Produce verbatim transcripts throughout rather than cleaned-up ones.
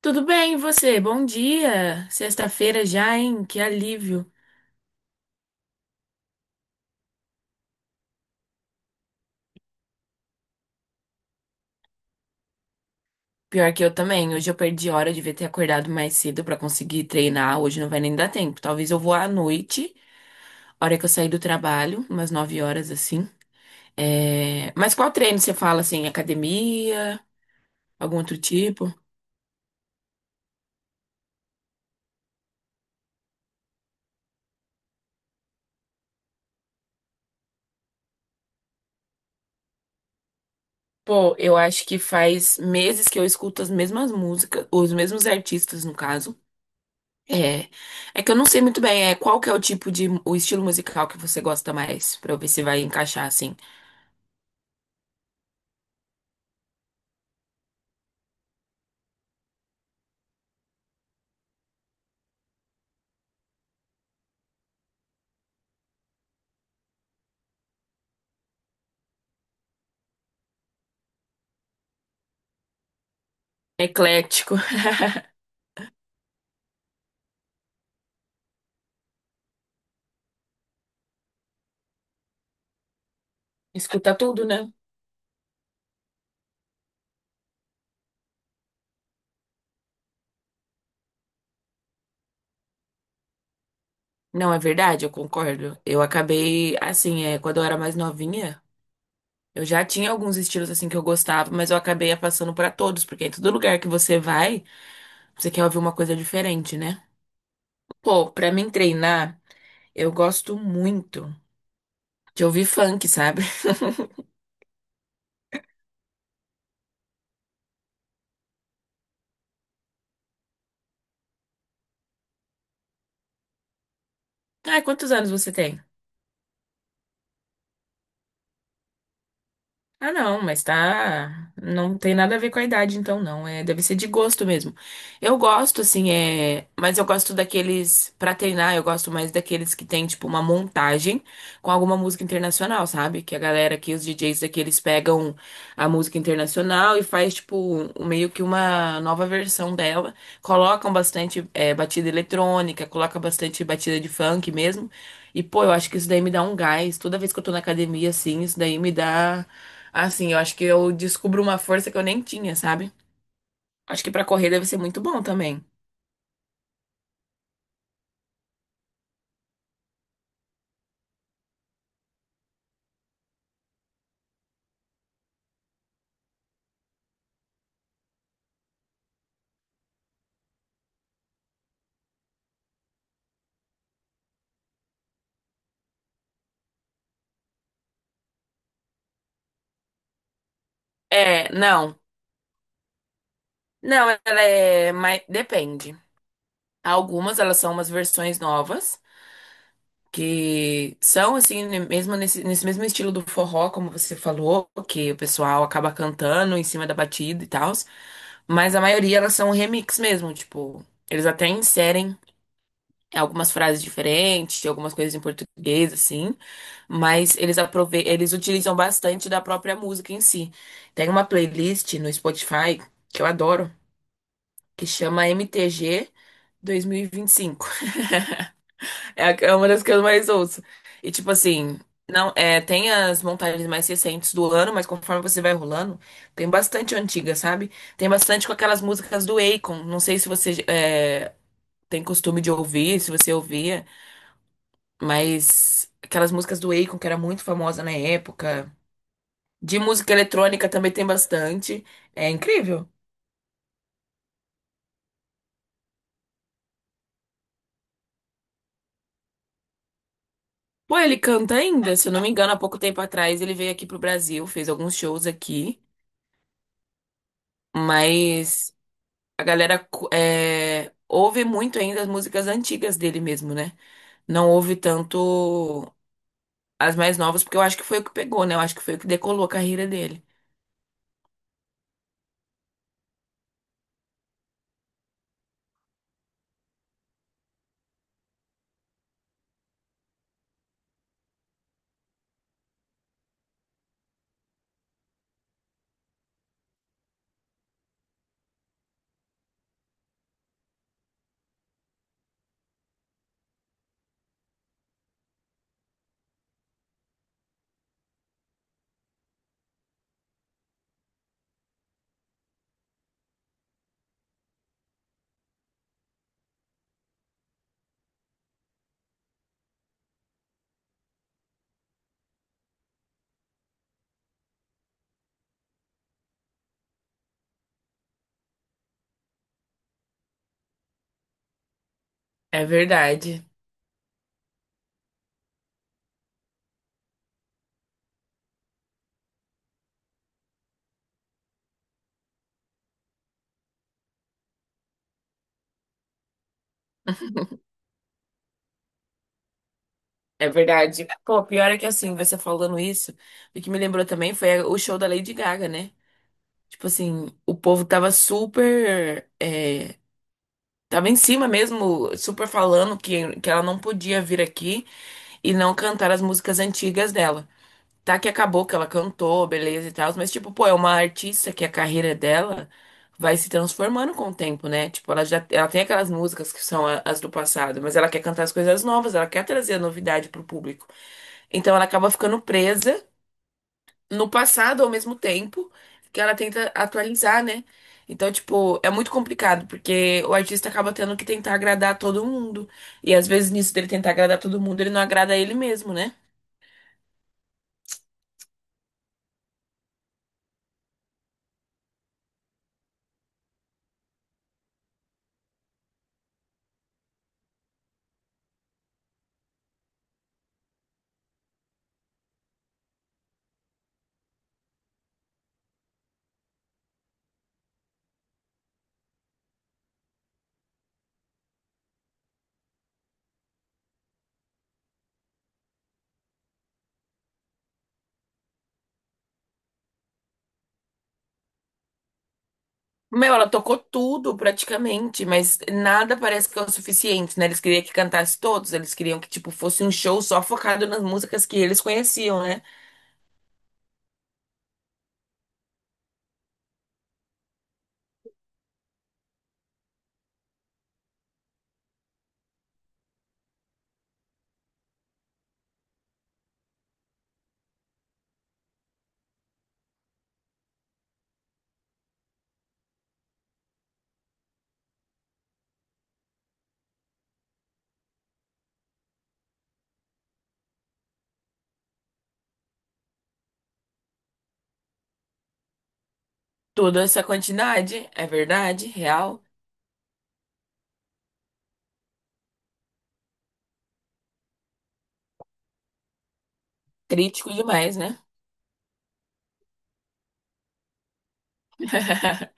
Tudo bem, e você? Bom dia! Sexta-feira já, hein? Que alívio! Pior que eu também. Hoje eu perdi hora, eu devia ter acordado mais cedo pra conseguir treinar. Hoje não vai nem dar tempo. Talvez eu vou à noite, hora que eu sair do trabalho, umas nove horas assim. É, Mas qual treino você fala assim? Academia? Algum outro tipo? Pô, eu acho que faz meses que eu escuto as mesmas músicas, os mesmos artistas, no caso. É, é que eu não sei muito bem, é qual que é o tipo de o estilo musical que você gosta mais, pra eu ver se vai encaixar assim. Eclético. Escuta tudo, né? Não, é verdade, eu concordo. Eu acabei assim, é, quando eu era mais novinha, eu já tinha alguns estilos assim que eu gostava, mas eu acabei passando pra todos, porque em todo lugar que você vai, você quer ouvir uma coisa diferente, né? Pô, pra mim treinar, eu gosto muito de ouvir funk, sabe? Ah, quantos anos você tem? Ah, não, mas tá. Não tem nada a ver com a idade, então não. É, deve ser de gosto mesmo. Eu gosto, assim, é. Mas eu gosto daqueles. Pra treinar, eu gosto mais daqueles que tem, tipo, uma montagem com alguma música internacional, sabe? Que a galera aqui, os D Js daqui, eles pegam a música internacional e faz, tipo, um- meio que uma nova versão dela. Colocam bastante, é, batida eletrônica, colocam bastante batida de funk mesmo. E, pô, eu acho que isso daí me dá um gás. Toda vez que eu tô na academia, assim, isso daí me dá. Assim, eu acho que eu descubro uma força que eu nem tinha, sabe? Acho que pra correr deve ser muito bom também. É, não. Não, ela é. Mas depende. Algumas elas são umas versões novas, que são assim, ne- mesmo nesse, nesse mesmo estilo do forró, como você falou, que o pessoal acaba cantando em cima da batida e tal. Mas a maioria elas são remix mesmo, tipo, eles até inserem algumas frases diferentes, algumas coisas em português, assim, mas eles aprove eles utilizam bastante da própria música em si. Tem uma playlist no Spotify que eu adoro, que chama M T G dois mil e vinte e cinco. É a- é uma das que eu mais ouço. E tipo assim, não, é, tem as montagens mais recentes do ano, mas conforme você vai rolando, tem bastante antiga, sabe? Tem bastante com aquelas músicas do Akon. Não sei se você é, tem costume de ouvir, se você ouvia. Mas aquelas músicas do Akon, que era muito famosa na época. De música eletrônica também tem bastante. É incrível. Pô, ele canta ainda, se eu não me engano, há pouco tempo atrás ele veio aqui pro Brasil, fez alguns shows aqui, mas a galera cu- é, ouve muito ainda as músicas antigas dele mesmo, né? Não ouve tanto as mais novas, porque eu acho que foi o que pegou, né? Eu acho que foi o que decolou a carreira dele. É verdade. É verdade. Pô, pior é que assim, você falando isso, o que me lembrou também foi o show da Lady Gaga, né? Tipo assim, o povo tava super. é, tava em cima mesmo, super falando que, que ela não podia vir aqui e não cantar as músicas antigas dela. Tá que acabou que ela cantou, beleza e tal, mas tipo, pô, é uma artista que a carreira dela vai se transformando com o tempo, né? Tipo, ela já ela tem aquelas músicas que são a- as do passado, mas ela quer cantar as coisas novas, ela quer trazer a novidade pro público. Então ela acaba ficando presa no passado ao mesmo tempo que ela tenta atualizar, né? Então, tipo, é muito complicado, porque o artista acaba tendo que tentar agradar todo mundo. E às vezes nisso dele tentar agradar todo mundo, ele não agrada ele mesmo, né? Meu, ela tocou tudo praticamente, mas nada parece que é o suficiente, né? Eles queriam que cantasse todos, eles queriam que, tipo, fosse um show só focado nas músicas que eles conheciam, né? Toda essa quantidade, é verdade, real, crítico demais, né?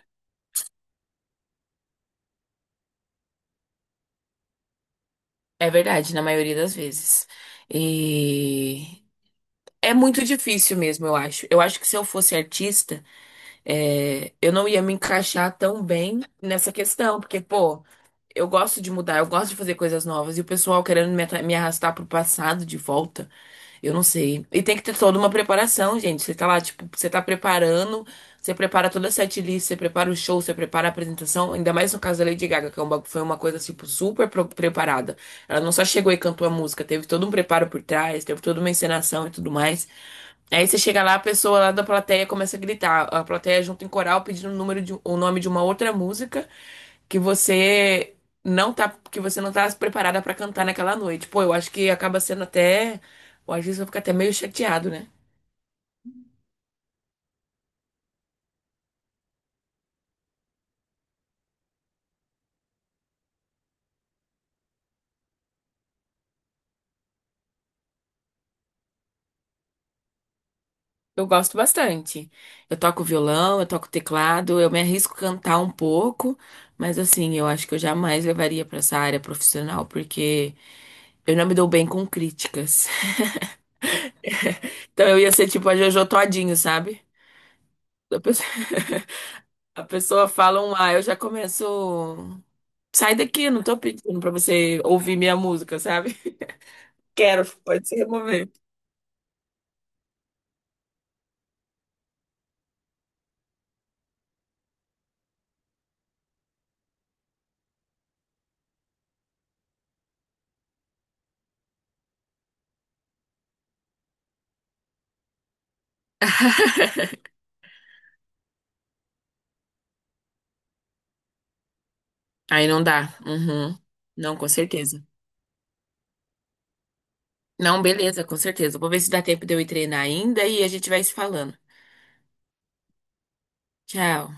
É verdade, na maioria das vezes. E é muito difícil mesmo, eu acho. Eu acho que se eu fosse artista, é, eu não ia me encaixar tão bem nessa questão, porque, pô eu gosto de mudar, eu gosto de fazer coisas novas. E o pessoal querendo me, atra- me arrastar pro passado de volta, eu não sei. E tem que ter toda uma preparação, gente. Você tá lá, tipo, você tá preparando, você prepara toda a setlist, você prepara o show, você prepara a apresentação. Ainda mais no caso da Lady Gaga, que é um bagu- foi uma coisa, tipo, super pro- preparada. Ela não só chegou e cantou a música, teve todo um preparo por trás, teve toda uma encenação e tudo mais. Aí você chega lá, a pessoa lá da plateia começa a gritar. A plateia junto em coral pedindo o número de, o nome de uma outra música que você não tá, porque você não tá preparada pra cantar naquela noite. Pô, eu acho que acaba sendo até, o às vezes eu fico até meio chateado, né? Eu gosto bastante. Eu toco violão, eu toco teclado, eu me arrisco a cantar um pouco, mas assim, eu acho que eu jamais levaria pra essa área profissional, porque eu não me dou bem com críticas. Então eu ia ser tipo a Jojo Todinho, sabe? A pessoa, a pessoa fala um ah, eu já começo. Sai daqui, não tô pedindo pra você ouvir minha música, sabe? Quero, pode se remover. Aí não dá. Uhum. Não, com certeza. Não, beleza, com certeza. Vou ver se dá tempo de eu ir treinar ainda e a gente vai se falando. Tchau.